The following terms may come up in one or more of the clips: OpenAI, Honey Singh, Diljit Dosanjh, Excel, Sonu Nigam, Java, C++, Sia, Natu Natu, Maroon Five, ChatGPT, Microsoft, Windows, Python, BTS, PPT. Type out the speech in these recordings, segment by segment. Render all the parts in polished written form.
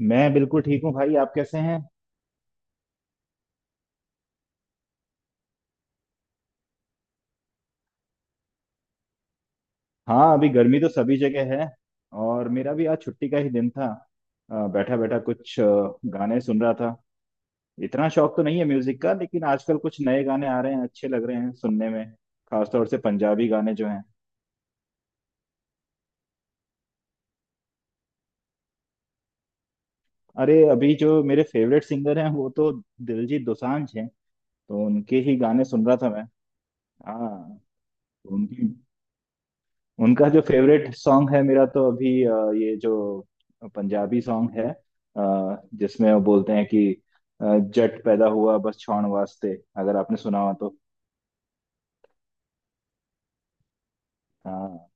मैं बिल्कुल ठीक हूँ भाई। आप कैसे हैं? हाँ, अभी गर्मी तो सभी जगह है। और मेरा भी आज छुट्टी का ही दिन था। बैठा बैठा कुछ गाने सुन रहा था। इतना शौक तो नहीं है म्यूजिक का, लेकिन आजकल कुछ नए गाने आ रहे हैं, अच्छे लग रहे हैं सुनने में। खासतौर से पंजाबी गाने जो हैं। अरे, अभी जो मेरे फेवरेट सिंगर हैं वो तो दिलजीत दोसांझ हैं। तो उनके ही गाने सुन रहा था मैं। हाँ। तो उनकी उनका जो फेवरेट सॉन्ग है मेरा, तो अभी ये जो पंजाबी सॉन्ग है, जिसमें वो बोलते हैं कि अ, जट पैदा हुआ बस छाण वास्ते। अगर आपने सुना हो तो। हाँ।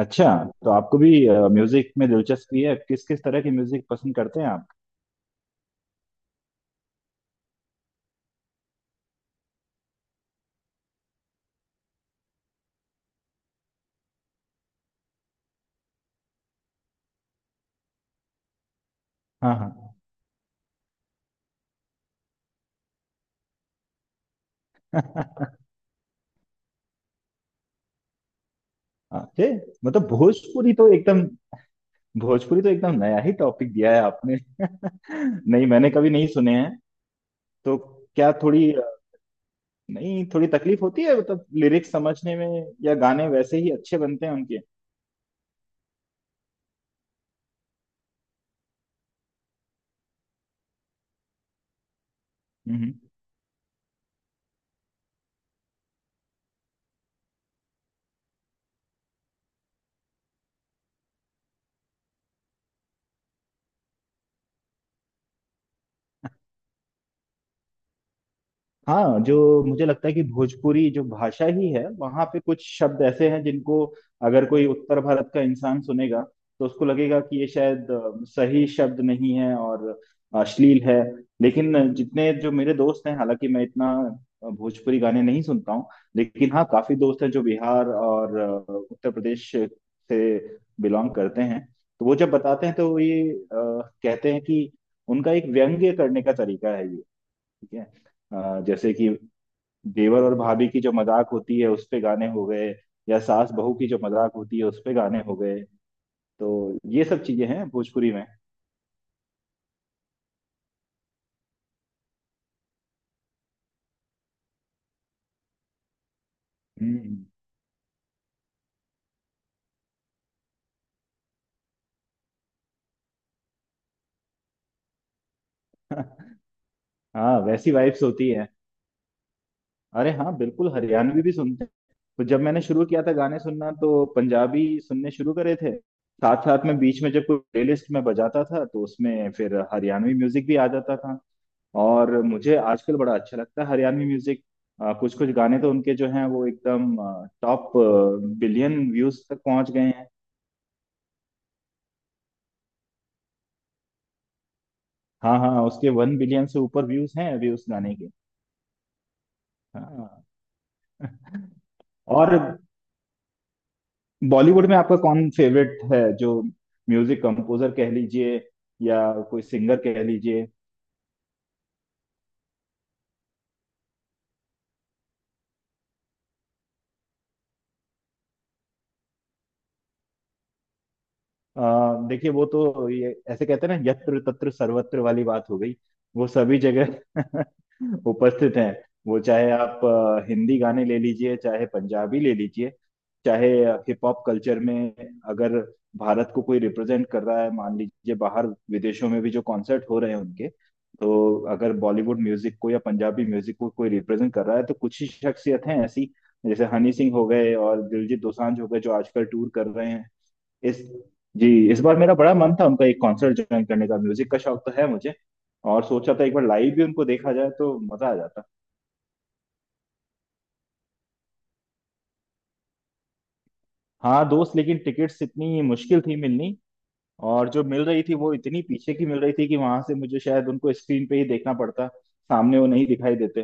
अच्छा। तो आपको भी म्यूजिक में दिलचस्पी है? किस किस तरह की म्यूजिक पसंद करते हैं आप? हाँ हाँ। अरे, मतलब भोजपुरी तो एकदम नया ही टॉपिक दिया है आपने। नहीं, मैंने कभी नहीं सुने हैं। तो क्या थोड़ी नहीं, थोड़ी तकलीफ होती है मतलब लिरिक्स समझने में, या गाने वैसे ही अच्छे बनते हैं उनके? हम्म। हाँ, जो मुझे लगता है कि भोजपुरी जो भाषा ही है वहाँ पे कुछ शब्द ऐसे हैं जिनको अगर कोई उत्तर भारत का इंसान सुनेगा तो उसको लगेगा कि ये शायद सही शब्द नहीं है और अश्लील है। लेकिन जितने जो मेरे दोस्त हैं, हालांकि मैं इतना भोजपुरी गाने नहीं सुनता हूँ, लेकिन हाँ, काफी दोस्त हैं जो बिहार और उत्तर प्रदेश से बिलोंग करते हैं। तो वो जब बताते हैं तो ये कहते हैं कि उनका एक व्यंग्य करने का तरीका है ये। ठीक है। जैसे कि देवर और भाभी की जो मजाक होती है उस पे गाने हो गए, या सास बहू की जो मजाक होती है उस पे गाने हो गए। तो ये सब चीजें हैं भोजपुरी में। हम्म। हाँ, वैसी वाइब्स होती है। अरे हाँ, बिल्कुल हरियाणवी भी सुनते हैं। तो जब मैंने शुरू किया था गाने सुनना तो पंजाबी सुनने शुरू करे थे। साथ साथ में बीच में जब कोई प्लेलिस्ट में बजाता था तो उसमें फिर हरियाणवी म्यूजिक भी आ जाता था। और मुझे आजकल बड़ा अच्छा लगता है हरियाणवी म्यूजिक। कुछ कुछ गाने तो उनके जो हैं वो एकदम टॉप बिलियन व्यूज तक पहुंच गए हैं। हाँ हाँ, उसके वन बिलियन से ऊपर व्यूज हैं अभी उस गाने के। हाँ। और बॉलीवुड में आपका कौन फेवरेट है जो म्यूजिक कंपोजर कह लीजिए, या कोई सिंगर कह लीजिए? अ, देखिए वो तो ये ऐसे कहते हैं ना, यत्र तत्र सर्वत्र वाली बात हो गई, वो सभी जगह उपस्थित हैं। वो चाहे आप हिंदी गाने ले लीजिए, चाहे पंजाबी ले लीजिए, चाहे हिप हॉप कल्चर में, अगर भारत को कोई रिप्रेजेंट कर रहा है मान लीजिए, बाहर विदेशों में भी जो कॉन्सर्ट हो रहे हैं उनके, तो अगर बॉलीवुड म्यूजिक को या पंजाबी म्यूजिक को कोई रिप्रेजेंट कर रहा है तो कुछ ही शख्सियत हैं ऐसी। जैसे हनी सिंह हो गए और दिलजीत दोसांझ हो गए जो आजकल टूर कर रहे हैं। इस जी, इस बार मेरा बड़ा मन था उनका एक कॉन्सर्ट ज्वाइन करने का, म्यूजिक का शौक तो है मुझे, और सोचा था एक बार लाइव भी उनको देखा जाए तो मजा आ जाता। हाँ दोस्त, लेकिन टिकट्स इतनी मुश्किल थी मिलनी, और जो मिल रही थी वो इतनी पीछे की मिल रही थी कि वहां से मुझे शायद उनको स्क्रीन पे ही देखना पड़ता, सामने वो नहीं दिखाई देते।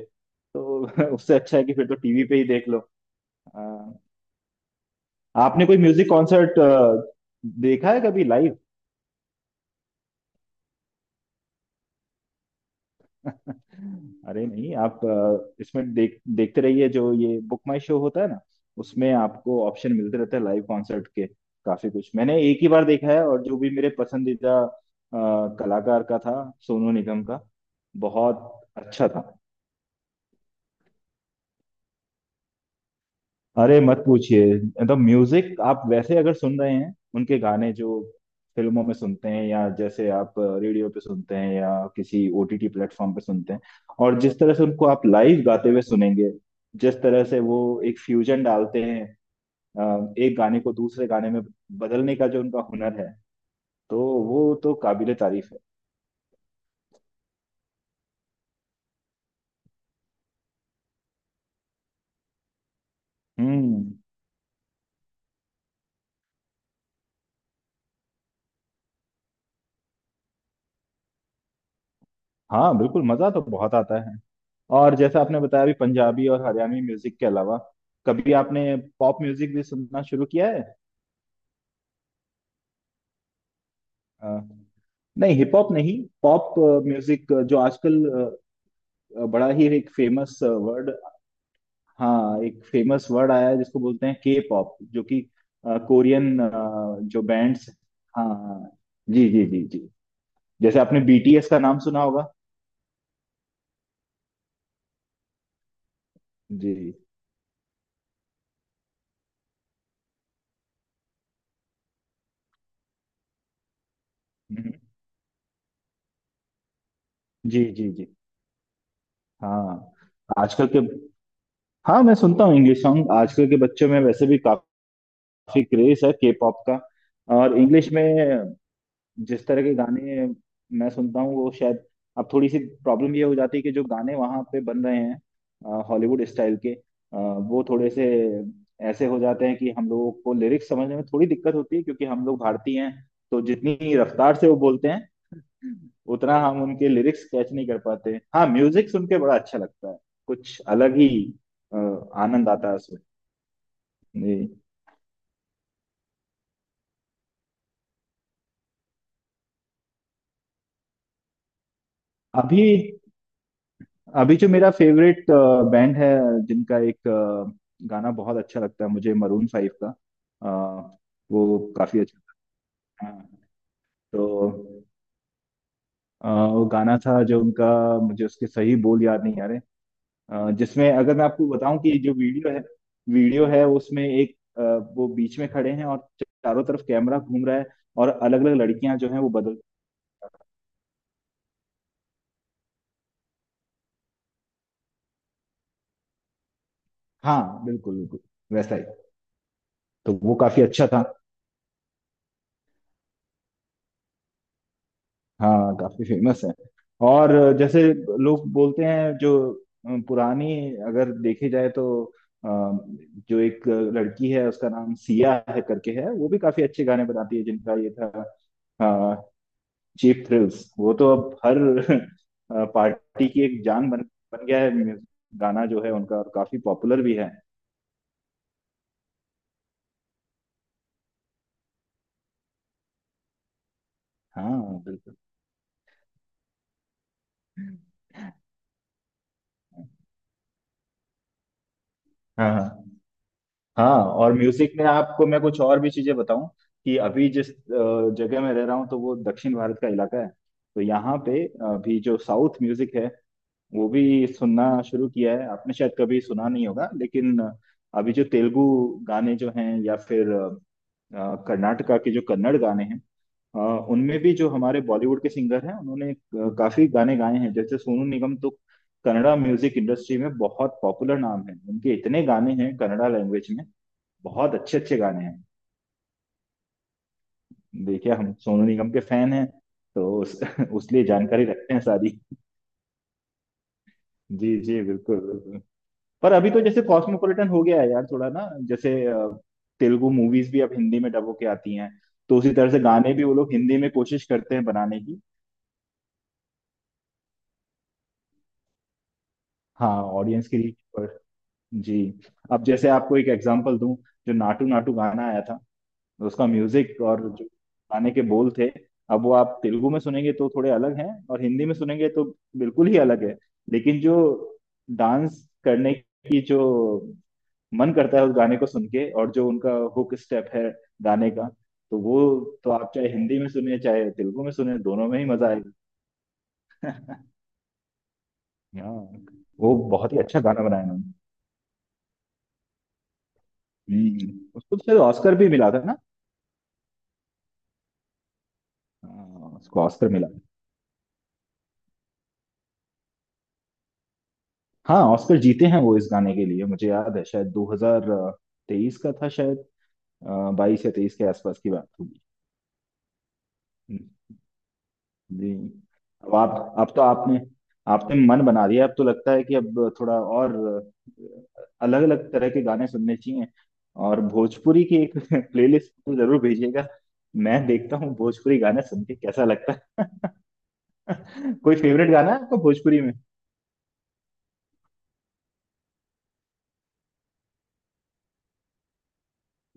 तो उससे अच्छा है कि फिर तो टीवी पे ही देख लो। आ, आपने कोई म्यूजिक कॉन्सर्ट देखा है कभी लाइव? अरे नहीं, आप इसमें देखते रहिए जो ये बुक माई शो होता है ना, उसमें आपको ऑप्शन मिलते रहते हैं लाइव कॉन्सर्ट के। काफी कुछ मैंने एक ही बार देखा है, और जो भी मेरे पसंदीदा कलाकार का था, सोनू निगम का, बहुत अच्छा था। अरे मत पूछिए, मतलब म्यूजिक आप वैसे अगर सुन रहे हैं उनके गाने जो फिल्मों में सुनते हैं, या जैसे आप रेडियो पे सुनते हैं, या किसी ओटीटी प्लेटफॉर्म पे सुनते हैं, और जिस तरह से उनको आप लाइव गाते हुए सुनेंगे, जिस तरह से वो एक फ्यूजन डालते हैं, एक गाने को दूसरे गाने में बदलने का जो उनका हुनर है, तो वो तो काबिले तारीफ है। हम्म। हाँ, बिल्कुल मज़ा तो बहुत आता है। और जैसा आपने बताया अभी पंजाबी और हरियाणवी म्यूजिक के अलावा, कभी आपने पॉप म्यूजिक भी सुनना शुरू किया है? अ, नहीं हिप हॉप नहीं, पॉप म्यूजिक, जो आजकल बड़ा ही एक फेमस वर्ड, हाँ एक फेमस वर्ड आया है जिसको बोलते हैं के पॉप, जो कि कोरियन जो बैंड्स, हाँ हाँ, जी जी जी जी, जैसे आपने बीटीएस का नाम सुना होगा। जी। हम्म, जी जी जी। हाँ आजकल के, हाँ मैं सुनता हूँ इंग्लिश सॉन्ग। आजकल के बच्चों में वैसे भी काफी क्रेज है के पॉप का, और इंग्लिश में जिस तरह के गाने मैं सुनता हूँ, वो शायद, अब थोड़ी सी प्रॉब्लम ये हो जाती है कि जो गाने वहाँ पे बन रहे हैं हॉलीवुड स्टाइल के, वो थोड़े से ऐसे हो जाते हैं कि हम लोगों को लिरिक्स समझने में थोड़ी दिक्कत होती है, क्योंकि हम लोग भारतीय हैं, तो जितनी रफ्तार से वो बोलते हैं उतना हम उनके लिरिक्स कैच नहीं कर पाते। हाँ, म्यूजिक सुन के बड़ा अच्छा लगता है, कुछ अलग ही आनंद आता है उसमें। जी। अभी अभी जो मेरा फेवरेट बैंड है, जिनका एक गाना बहुत अच्छा लगता है मुझे, मरून फाइव का, अ, वो काफी अच्छा लगता है। तो वो गाना था जो उनका, मुझे उसके सही बोल याद नहीं आ रहे, जिसमें अगर मैं आपको बताऊं कि जो वीडियो है, उसमें एक वो बीच में खड़े हैं और चारों तरफ कैमरा घूम रहा है, और अलग अलग लड़कियां जो हैं वो बदल। हाँ, बिल्कुल बिल्कुल, वैसा ही। तो वो काफी अच्छा था। हाँ काफी फेमस है। और जैसे लोग बोलते हैं जो पुरानी अगर देखी जाए तो, अ, जो एक लड़की है उसका नाम सिया है करके, है, वो भी काफी अच्छे गाने बनाती है, जिनका ये था चीप थ्रिल्स, वो तो अब हर पार्टी की एक जान बन बन गया है म्यूजिक, गाना जो है उनका, और काफी पॉपुलर भी है। हाँ बिल्कुल। हाँ हाँ हाँ। और म्यूजिक में आपको मैं कुछ और भी चीजें बताऊं कि अभी जिस जगह में रह रहा हूँ, तो वो दक्षिण भारत का इलाका है, तो यहाँ पे अभी जो साउथ म्यूजिक है, वो भी सुनना शुरू किया है। आपने शायद कभी सुना नहीं होगा, लेकिन अभी जो तेलुगु गाने जो हैं, या फिर कर्नाटका के जो कन्नड़ गाने हैं, अ, उनमें भी जो हमारे बॉलीवुड के सिंगर हैं उन्होंने काफी गाने गाए हैं, जैसे सोनू निगम तो कन्नड़ा म्यूजिक इंडस्ट्री में बहुत पॉपुलर नाम है। उनके इतने गाने हैं कन्नड़ा लैंग्वेज में, बहुत अच्छे अच्छे गाने हैं। देखिए हम सोनू निगम के फैन हैं, तो उस लिए जानकारी रखते हैं सारी। जी जी बिल्कुल बिल्कुल। पर अभी तो जैसे कॉस्मोपॉलिटन हो गया है यार थोड़ा ना, जैसे तेलुगु मूवीज भी अब हिंदी में डब होके आती हैं, तो उसी तरह से गाने भी वो लोग हिंदी में कोशिश करते हैं बनाने की। हाँ, ऑडियंस की रीच पर। जी। अब जैसे आपको एक एग्जांपल दूं, जो नाटू नाटू गाना आया था, उसका म्यूजिक और जो गाने के बोल थे, अब वो आप तेलुगु में सुनेंगे तो थोड़े अलग हैं, और हिंदी में सुनेंगे तो बिल्कुल ही अलग है। लेकिन जो डांस करने की जो मन करता है उस गाने को सुन के, और जो उनका हुक स्टेप है गाने का, तो वो, तो आप चाहे हिंदी में सुने चाहे तेलुगु में सुने, दोनों में ही मजा आएगा। हाँ, वो बहुत ही अच्छा गाना बनाया उन्होंने। उसको तो शायद ऑस्कर भी मिला था ना। हाँ, उसको ऑस्कर मिला। हाँ, ऑस्कर जीते हैं वो इस गाने के लिए, मुझे याद है शायद 2023 का था शायद, बाईस या तेईस के आसपास की बात होगी। हम्म। जी। अब आप अब तो आपने आपने मन बना दिया, अब तो लगता है कि अब थोड़ा और अलग अलग तरह के गाने सुनने चाहिए। और भोजपुरी की एक प्लेलिस्ट तो जरूर भेजिएगा, मैं देखता हूँ भोजपुरी गाने सुन के कैसा लगता है। कोई फेवरेट गाना है आपका भोजपुरी में?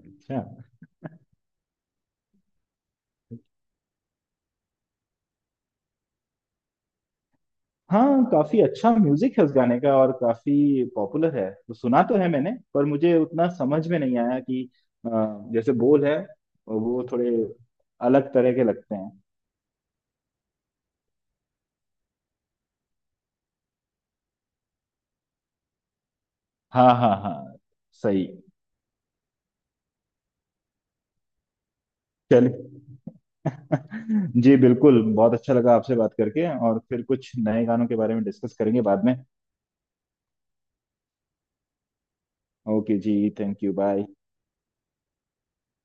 अच्छा। हाँ, काफी अच्छा म्यूजिक है उस गाने का और काफी पॉपुलर है, तो सुना तो है मैंने, पर मुझे उतना समझ में नहीं आया कि अ, जैसे बोल है वो थोड़े अलग तरह के लगते हैं। हाँ हाँ हाँ। सही। चलिए। जी बिल्कुल, बहुत अच्छा लगा आपसे बात करके, और फिर कुछ नए गानों के बारे में डिस्कस करेंगे बाद में। ओके जी, थैंक यू, बाय।